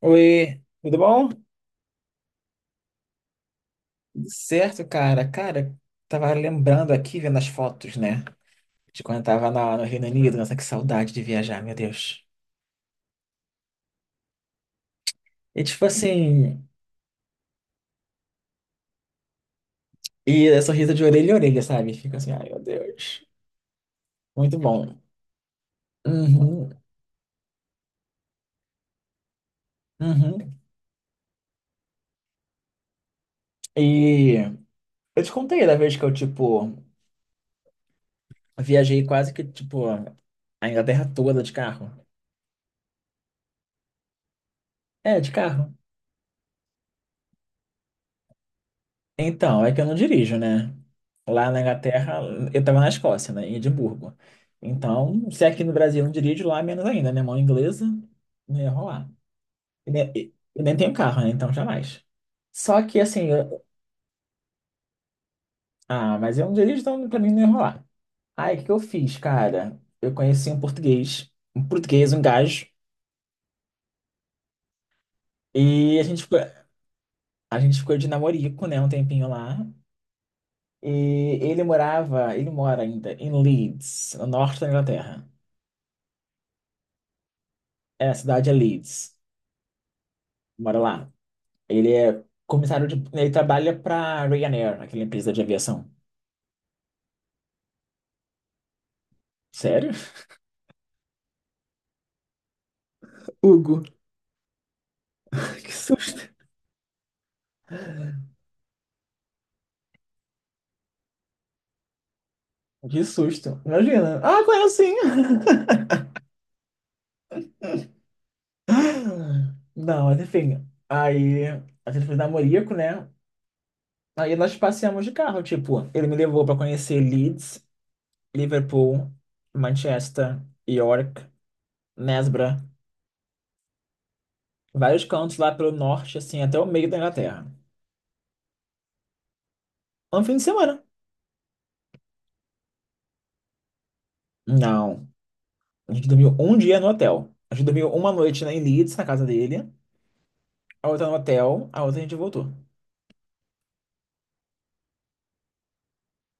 Oi, tudo bom? Tudo certo, cara? Cara, tava lembrando aqui, vendo as fotos, né? De quando eu tava no Reino Unido. Nossa, que saudade de viajar, meu Deus. E tipo assim, e é sorriso de orelha a orelha, sabe? Fica assim, ai meu Deus. Muito bom. Uhum, uhum. E eu te contei da vez que eu, tipo, viajei quase que, tipo, a Inglaterra toda de carro. É, de carro. Então, é que eu não dirijo, né? Lá na Inglaterra, eu estava na Escócia, né? Em Edimburgo. Então, se é aqui no Brasil eu não dirijo, lá menos ainda, né? Mão inglesa, não ia rolar. E nem tenho carro, né? Então, jamais. Só que, assim, ah, mas eu não dirijo, então pra mim não ia rolar. Aí, o que que eu fiz, cara? Eu conheci um português, um português, um gajo, e a gente ficou de namorico, né? Um tempinho lá. E ele morava, ele mora ainda em Leeds, no norte da Inglaterra. É, a cidade é Leeds, mora lá. Ele é comissário de. Ele trabalha pra Ryanair, aquela empresa de aviação. Sério? Hugo, que susto. Que susto. Imagina. Ah, conheço sim. Não, mas enfim. Aí a gente foi namorico, né? Aí nós passeamos de carro, tipo, ele me levou pra conhecer Leeds, Liverpool, Manchester, York, Nesbra, vários cantos lá pelo norte, assim, até o meio da Inglaterra. Um fim de semana. Não. A gente dormiu um dia no hotel. A gente dormiu uma noite na em Leeds, na casa dele, a outra no hotel, a outra a gente voltou.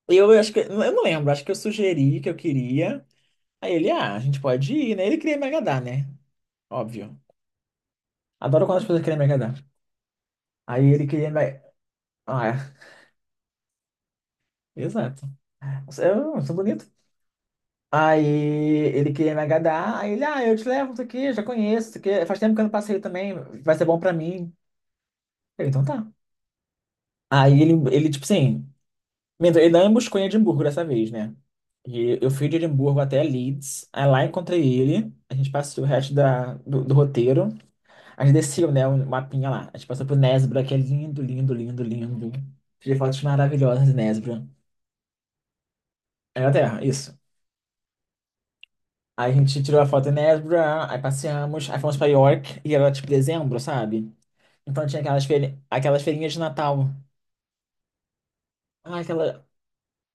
Eu acho que, eu não lembro, acho que eu sugeri que eu queria. Aí ele, ah, a gente pode ir, né? Ele queria me agradar, né? Óbvio. Adoro quando as pessoas querem me agradar. Aí ele queria me. Ah, é, exato. Eu sou bonito. Aí ele queria me agradar. Aí ele, ah, eu te levo, isso aqui, já conheço, isso aqui. Faz tempo que eu não passei também, vai ser bom pra mim. Eu, então tá. Aí tipo assim, minto, ele não me buscou em Edimburgo dessa vez, né? E eu fui de Edimburgo até Leeds, aí lá encontrei ele, a gente passou o resto do roteiro, a gente desceu, né, o mapinha lá, a gente passou por Nesbra, que é lindo, lindo, lindo, lindo. Tirei fotos maravilhosas de Nesbra. Era terra, isso. Aí a gente tirou a foto em Nesbra, aí passeamos, aí fomos pra York, e era tipo dezembro, sabe? Então tinha aquelas, feri aquelas feirinhas de Natal. Ah, aquela...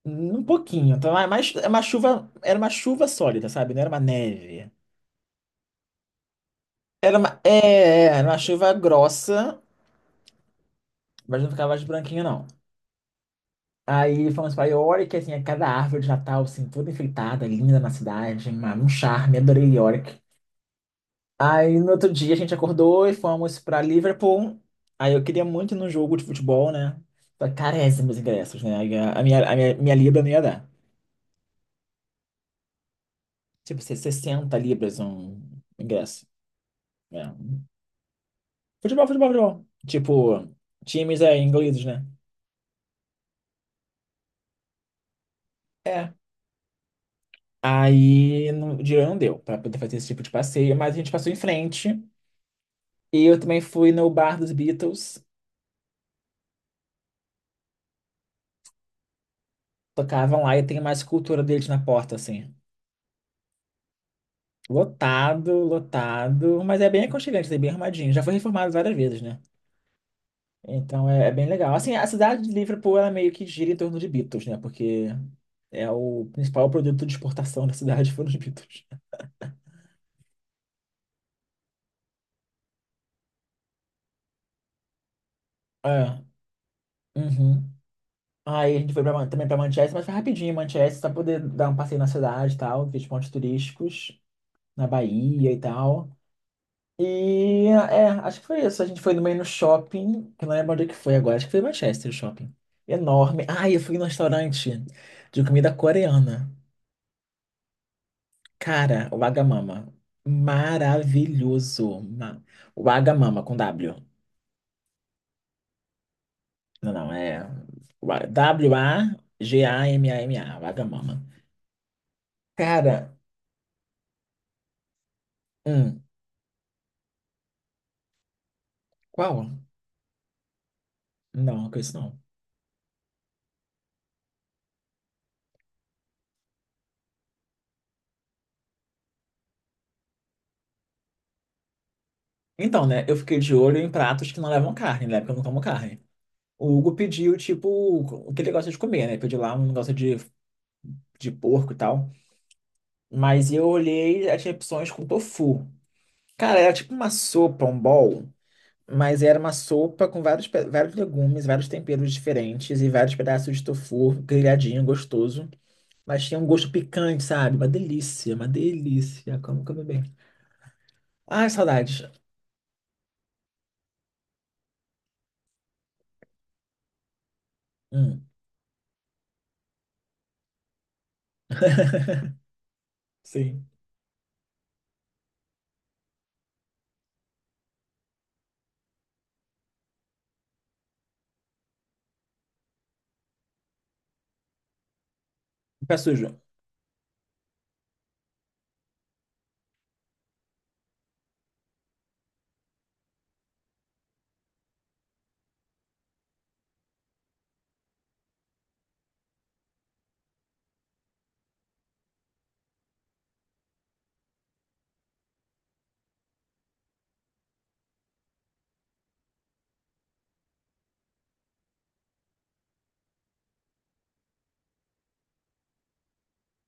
Um pouquinho, então, é mais é uma chuva, era uma chuva sólida, sabe? Não era uma neve. Era uma chuva grossa, mas não ficava de branquinho, não. Aí fomos pra York, assim, é cada árvore de Natal, assim, toda enfeitada, linda na cidade, um charme, adorei York. Aí no outro dia a gente acordou e fomos pra Liverpool. Aí eu queria muito ir num jogo de futebol, né? Só que caríssimos ingressos, né? Aí minha libra não ia dar. Tipo, 60 libras um ingresso, né? Futebol, futebol, futebol. Tipo, times é ingleses, né? É. Aí não, o dinheiro não deu para poder fazer esse tipo de passeio, mas a gente passou em frente. E eu também fui no bar dos Beatles, tocavam lá e tem mais escultura deles na porta, assim. Lotado, lotado, mas é bem aconchegante, é bem arrumadinho. Já foi reformado várias vezes, né? Então é, é bem legal. Assim, a cidade de Liverpool, ela meio que gira em torno de Beatles, né? Porque é o principal produto de exportação da cidade foram os Beatles. É, uhum. Aí a gente foi pra, também pra Manchester, mas foi rapidinho, em Manchester, pra poder dar um passeio na cidade e tal, ver os pontos turísticos, na Bahia e tal. E é, acho que foi isso. A gente foi no meio no shopping, que eu não lembro onde é que foi agora, acho que foi em Manchester o shopping. Enorme. Ah, eu fui num restaurante de comida coreana. Cara, o Wagamama. Maravilhoso. O Wagamama com W. Não, não, é Wagamama, Wagamama. Cara, hum, qual? Não, com isso não. Então, né, eu fiquei de olho em pratos que não levam carne, né, porque eu não como carne. O Hugo pediu, tipo, o que ele gosta de comer, né? Pediu lá um negócio de porco e tal. Mas eu olhei, aí tinha opções com tofu. Cara, era tipo uma sopa, um bowl, mas era uma sopa com vários legumes, vários temperos diferentes e vários pedaços de tofu grelhadinho, gostoso. Mas tinha um gosto picante, sabe? Uma delícia, uma delícia. Como comer bem. Ai, saudades. Hum, sim. Pé sujo.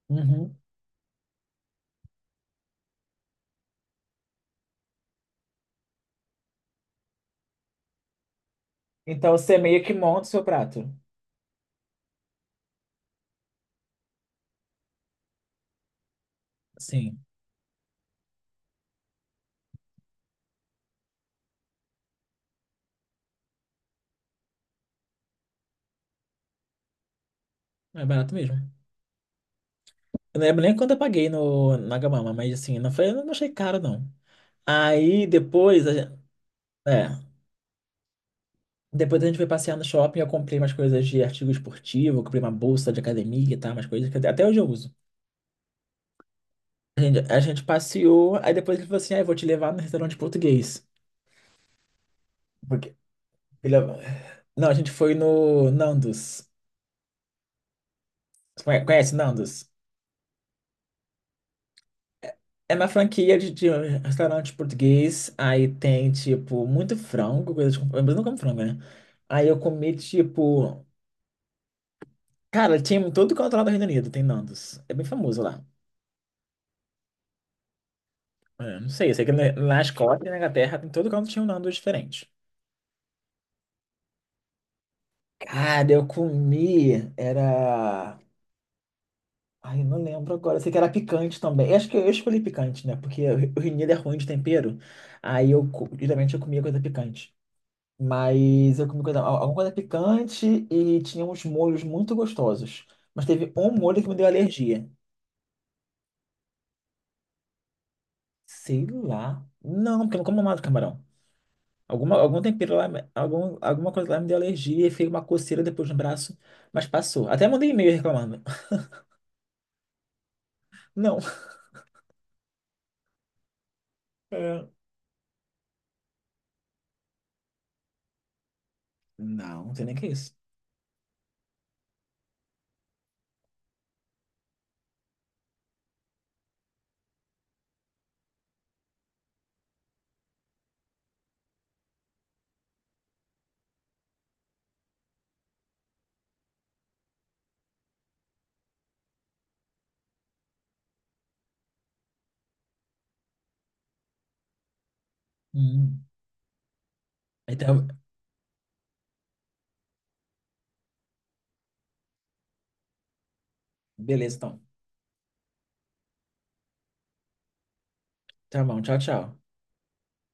Uhum. Então você meio que monta o seu prato. Sim, é barato mesmo. Eu não lembro nem quanto eu paguei no na Gamama, mas assim, não foi, eu não achei caro, não. Aí depois, a gente- é, depois a gente foi passear no shopping, eu comprei umas coisas de artigo esportivo, comprei uma bolsa de academia, tá? Umas coisas que até hoje eu uso. A gente passeou, aí depois ele falou assim, ah, eu vou te levar no restaurante português. Porque, ele- não, a gente foi no Nandos. Conhece Nandos? É uma franquia de restaurante português. Aí tem, tipo, muito frango, coisa de. Eu não como frango, né? Aí eu comi, tipo. Cara, tinha em todo canto lá do Reino Unido, tem Nandos. É bem famoso lá. É, não sei, eu sei que na Escócia e na Inglaterra, em todo canto tinha um Nandos diferente. Cara, eu comi. Era. Ai, eu não lembro agora. Eu sei que era picante também. Eu acho que eu escolhi picante, né? Porque o Reino Unido é ruim de tempero. Aí eu, geralmente, eu comia coisa picante. Mas eu comi coisa, alguma coisa picante e tinha uns molhos muito gostosos. Mas teve um molho que me deu alergia. Sei lá. Não, porque eu não como mais camarão. Algum tempero lá, alguma coisa lá me deu alergia e fez uma coceira depois no braço, mas passou. Até mandei e-mail reclamando. Não. É. Não, não sei nem o que é isso. Hum. Então, beleza, então. Tá bom, tchau, tchau.